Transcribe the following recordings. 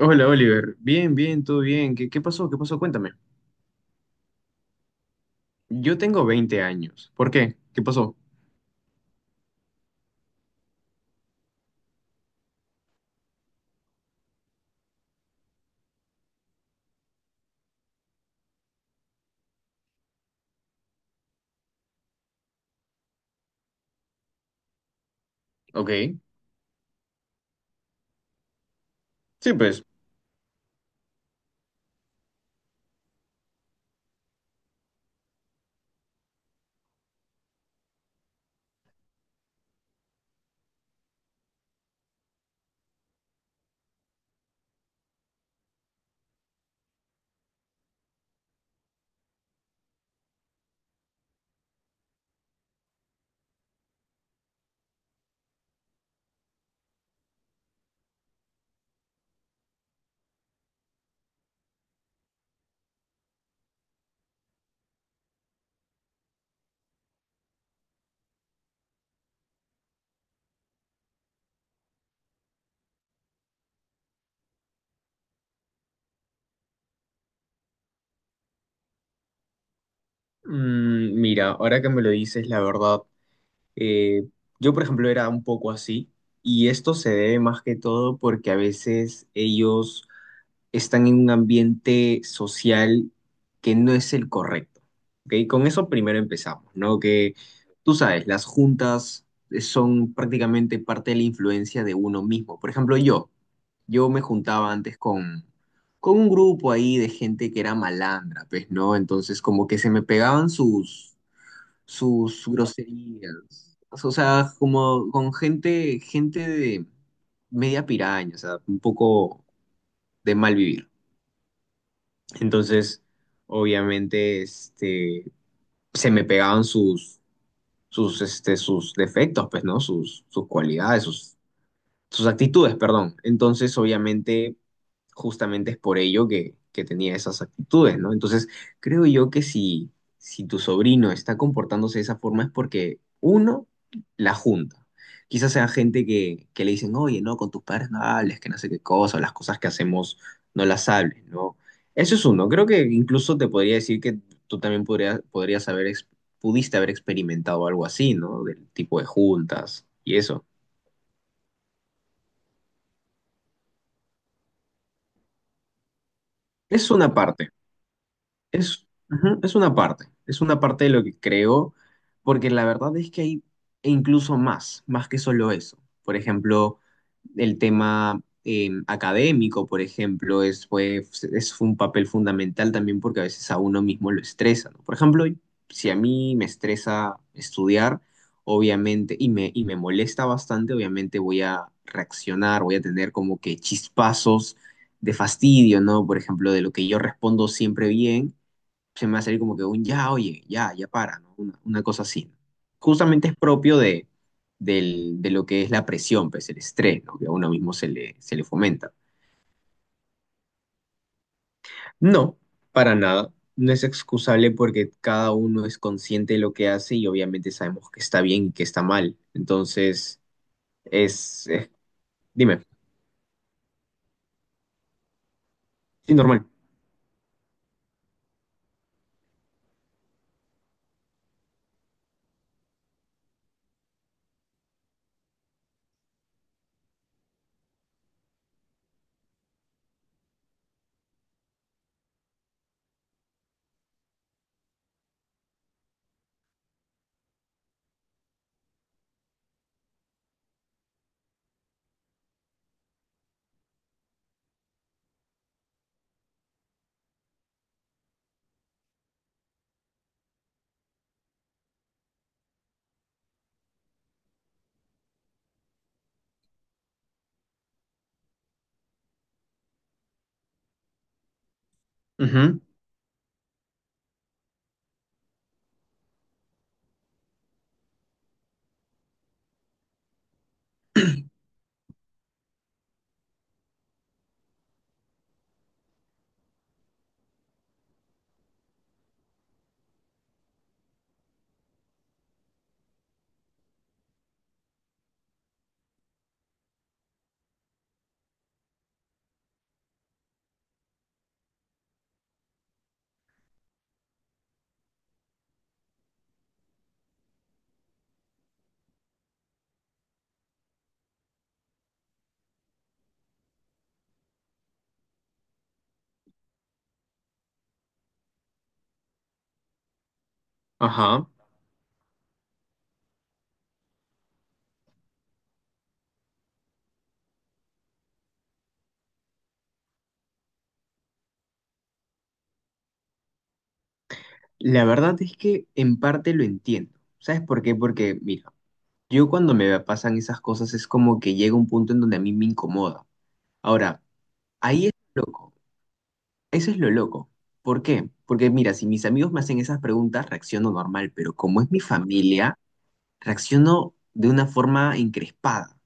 Hola Oliver, bien, bien, todo bien. ¿Qué pasó? ¿Qué pasó? Cuéntame. Yo tengo 20 años. ¿Por qué? ¿Qué pasó? Ok. Sí, pues. Mm, mira, ahora que me lo dices, la verdad, eh, yo por ejemplo era un poco así y esto se debe más que todo porque a veces ellos están en un ambiente social que no es el correcto. ¿Ok? Con eso primero empezamos, ¿no? Que tú sabes, las juntas son prácticamente parte de la influencia de uno mismo. Por ejemplo, yo me juntaba antes con un grupo ahí de gente que era malandra, pues, ¿no? Entonces como que se me pegaban sus groserías. O sea, como con gente de media piraña, o sea, un poco de mal vivir. Entonces, obviamente, se me pegaban sus defectos, pues, ¿no? Sus cualidades, sus actitudes, perdón. Entonces, obviamente, justamente es por ello que tenía esas actitudes, ¿no? Entonces, creo yo que si tu sobrino está comportándose de esa forma es porque uno la junta. Quizás sea gente que le dicen, oye, no, con tus padres no hables, que no sé qué cosa, o las cosas que hacemos no las hables, ¿no? Eso es uno. Creo que incluso te podría decir que tú también podrías pudiste haber experimentado algo así, ¿no? Del tipo de juntas y eso. Es una parte. Es, ujú, es una parte de lo que creo, porque la verdad es que hay e incluso más, más que solo eso. Por ejemplo, el tema académico, por ejemplo, es un papel fundamental también porque a veces a uno mismo lo estresa, ¿no? Por ejemplo, si a mí me estresa estudiar, obviamente, y me molesta bastante, obviamente voy a reaccionar, voy a tener como que chispazos de fastidio, ¿no? Por ejemplo, de lo que yo respondo siempre bien se me va a salir como que un ya, oye, ya, ya para, ¿no? Una cosa así, ¿no? Justamente es propio de lo que es la presión, pues el estrés, ¿no? Que a uno mismo se le fomenta. No, para nada. No es excusable porque cada uno es consciente de lo que hace y obviamente sabemos que está bien y que está mal. Entonces, es, es- dime, sí, normal. Ujú. Ajá. La verdad es que en parte lo entiendo. ¿Sabes por qué? Porque, mira, yo cuando me pasan esas cosas es como que llega un punto en donde a mí me incomoda. Ahora, ahí es lo loco. Eso es lo loco. ¿Por qué? Porque mira, si mis amigos me hacen esas preguntas, reacciono normal, pero como es mi familia, reacciono de una forma encrespada.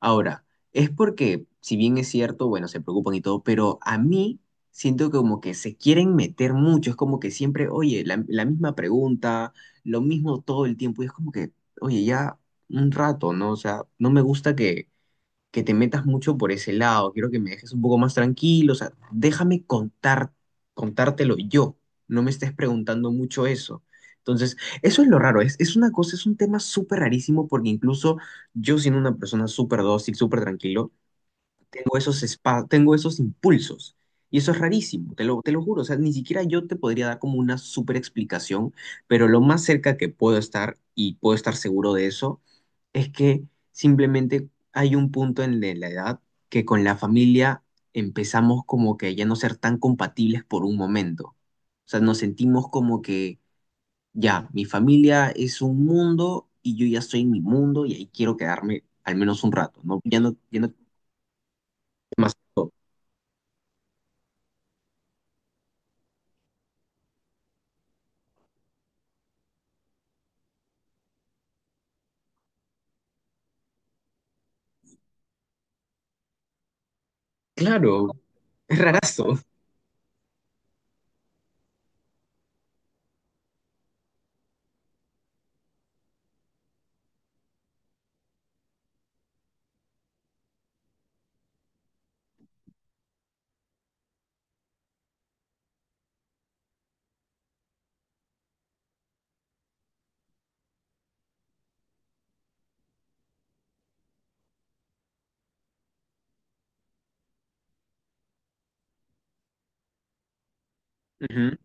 Ahora, es porque, si bien es cierto, bueno, se preocupan y todo, pero a mí siento que como que se quieren meter mucho, es como que siempre, oye, la misma pregunta, lo mismo todo el tiempo, y es como que, oye, ya un rato, ¿no? O sea, no me gusta que te metas mucho por ese lado, quiero que me dejes un poco más tranquilo, o sea, déjame contártelo yo, no me estés preguntando mucho eso. Entonces, eso es lo raro, es una cosa, es un tema súper rarísimo porque incluso yo siendo una persona súper dócil, súper tranquilo, tengo esos impulsos. Y eso es rarísimo, te lo juro. O sea, ni siquiera yo te podría dar como una súper explicación, pero lo más cerca que puedo estar y puedo estar seguro de eso es que simplemente hay un punto en de la edad que con la familia empezamos como que ya no ser tan compatibles por un momento. O sea, nos sentimos como que ya, mi familia es un mundo y yo ya estoy en mi mundo y ahí quiero quedarme al menos un rato, ¿no? Ya no, ya no más. Claro, qué rarazo. Ujú.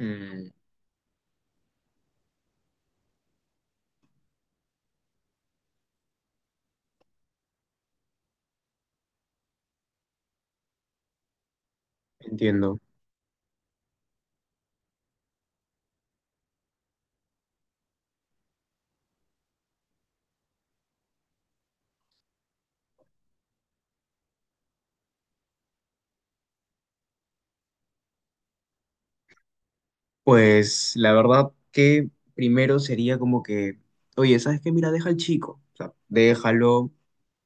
Mm, entiendo. Pues la verdad que primero sería como que, oye, ¿sabes qué? Mira, deja al chico. O sea, déjalo,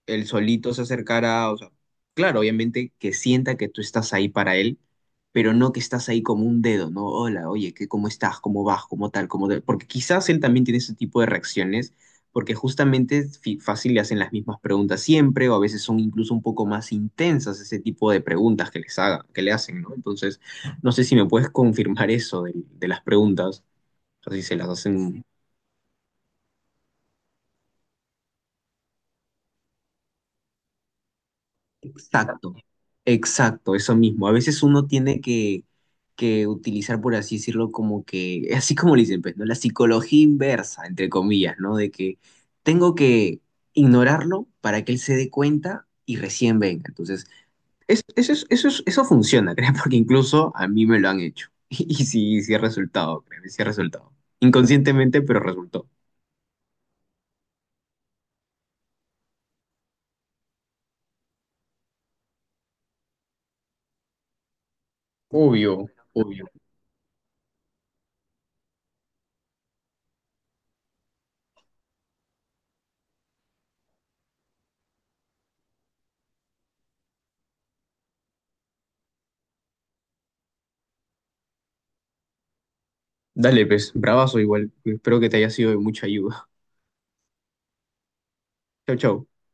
él solito se acercará, o sea, claro, obviamente que sienta que tú estás ahí para él, pero no que estás ahí como un dedo, ¿no? Hola, oye, ¿cómo estás? ¿Cómo vas? ¿Cómo tal? ¿Cómo tal? Porque quizás él también tiene ese tipo de reacciones, porque justamente fácil le hacen las mismas preguntas siempre, o a veces son incluso un poco más intensas ese tipo de preguntas que le hacen, ¿no? Entonces, no sé si me puedes confirmar eso de las preguntas, o sea, si se las hacen. Exacto, exacto, eso mismo. A veces uno tiene que utilizar, por así decirlo, como que, así como le dicen, pues, ¿no? La psicología inversa, entre comillas, ¿no? De que tengo que ignorarlo para que él se dé cuenta y recién venga. Entonces, eso funciona, creo, porque incluso a mí me lo han hecho. Y, sí, sí ha resultado, créeme, sí ha resultado. Inconscientemente, pero resultó. Obvio, obvio. Dale, pues, bravazo igual. Espero que te haya sido de mucha ayuda. Chau, chau.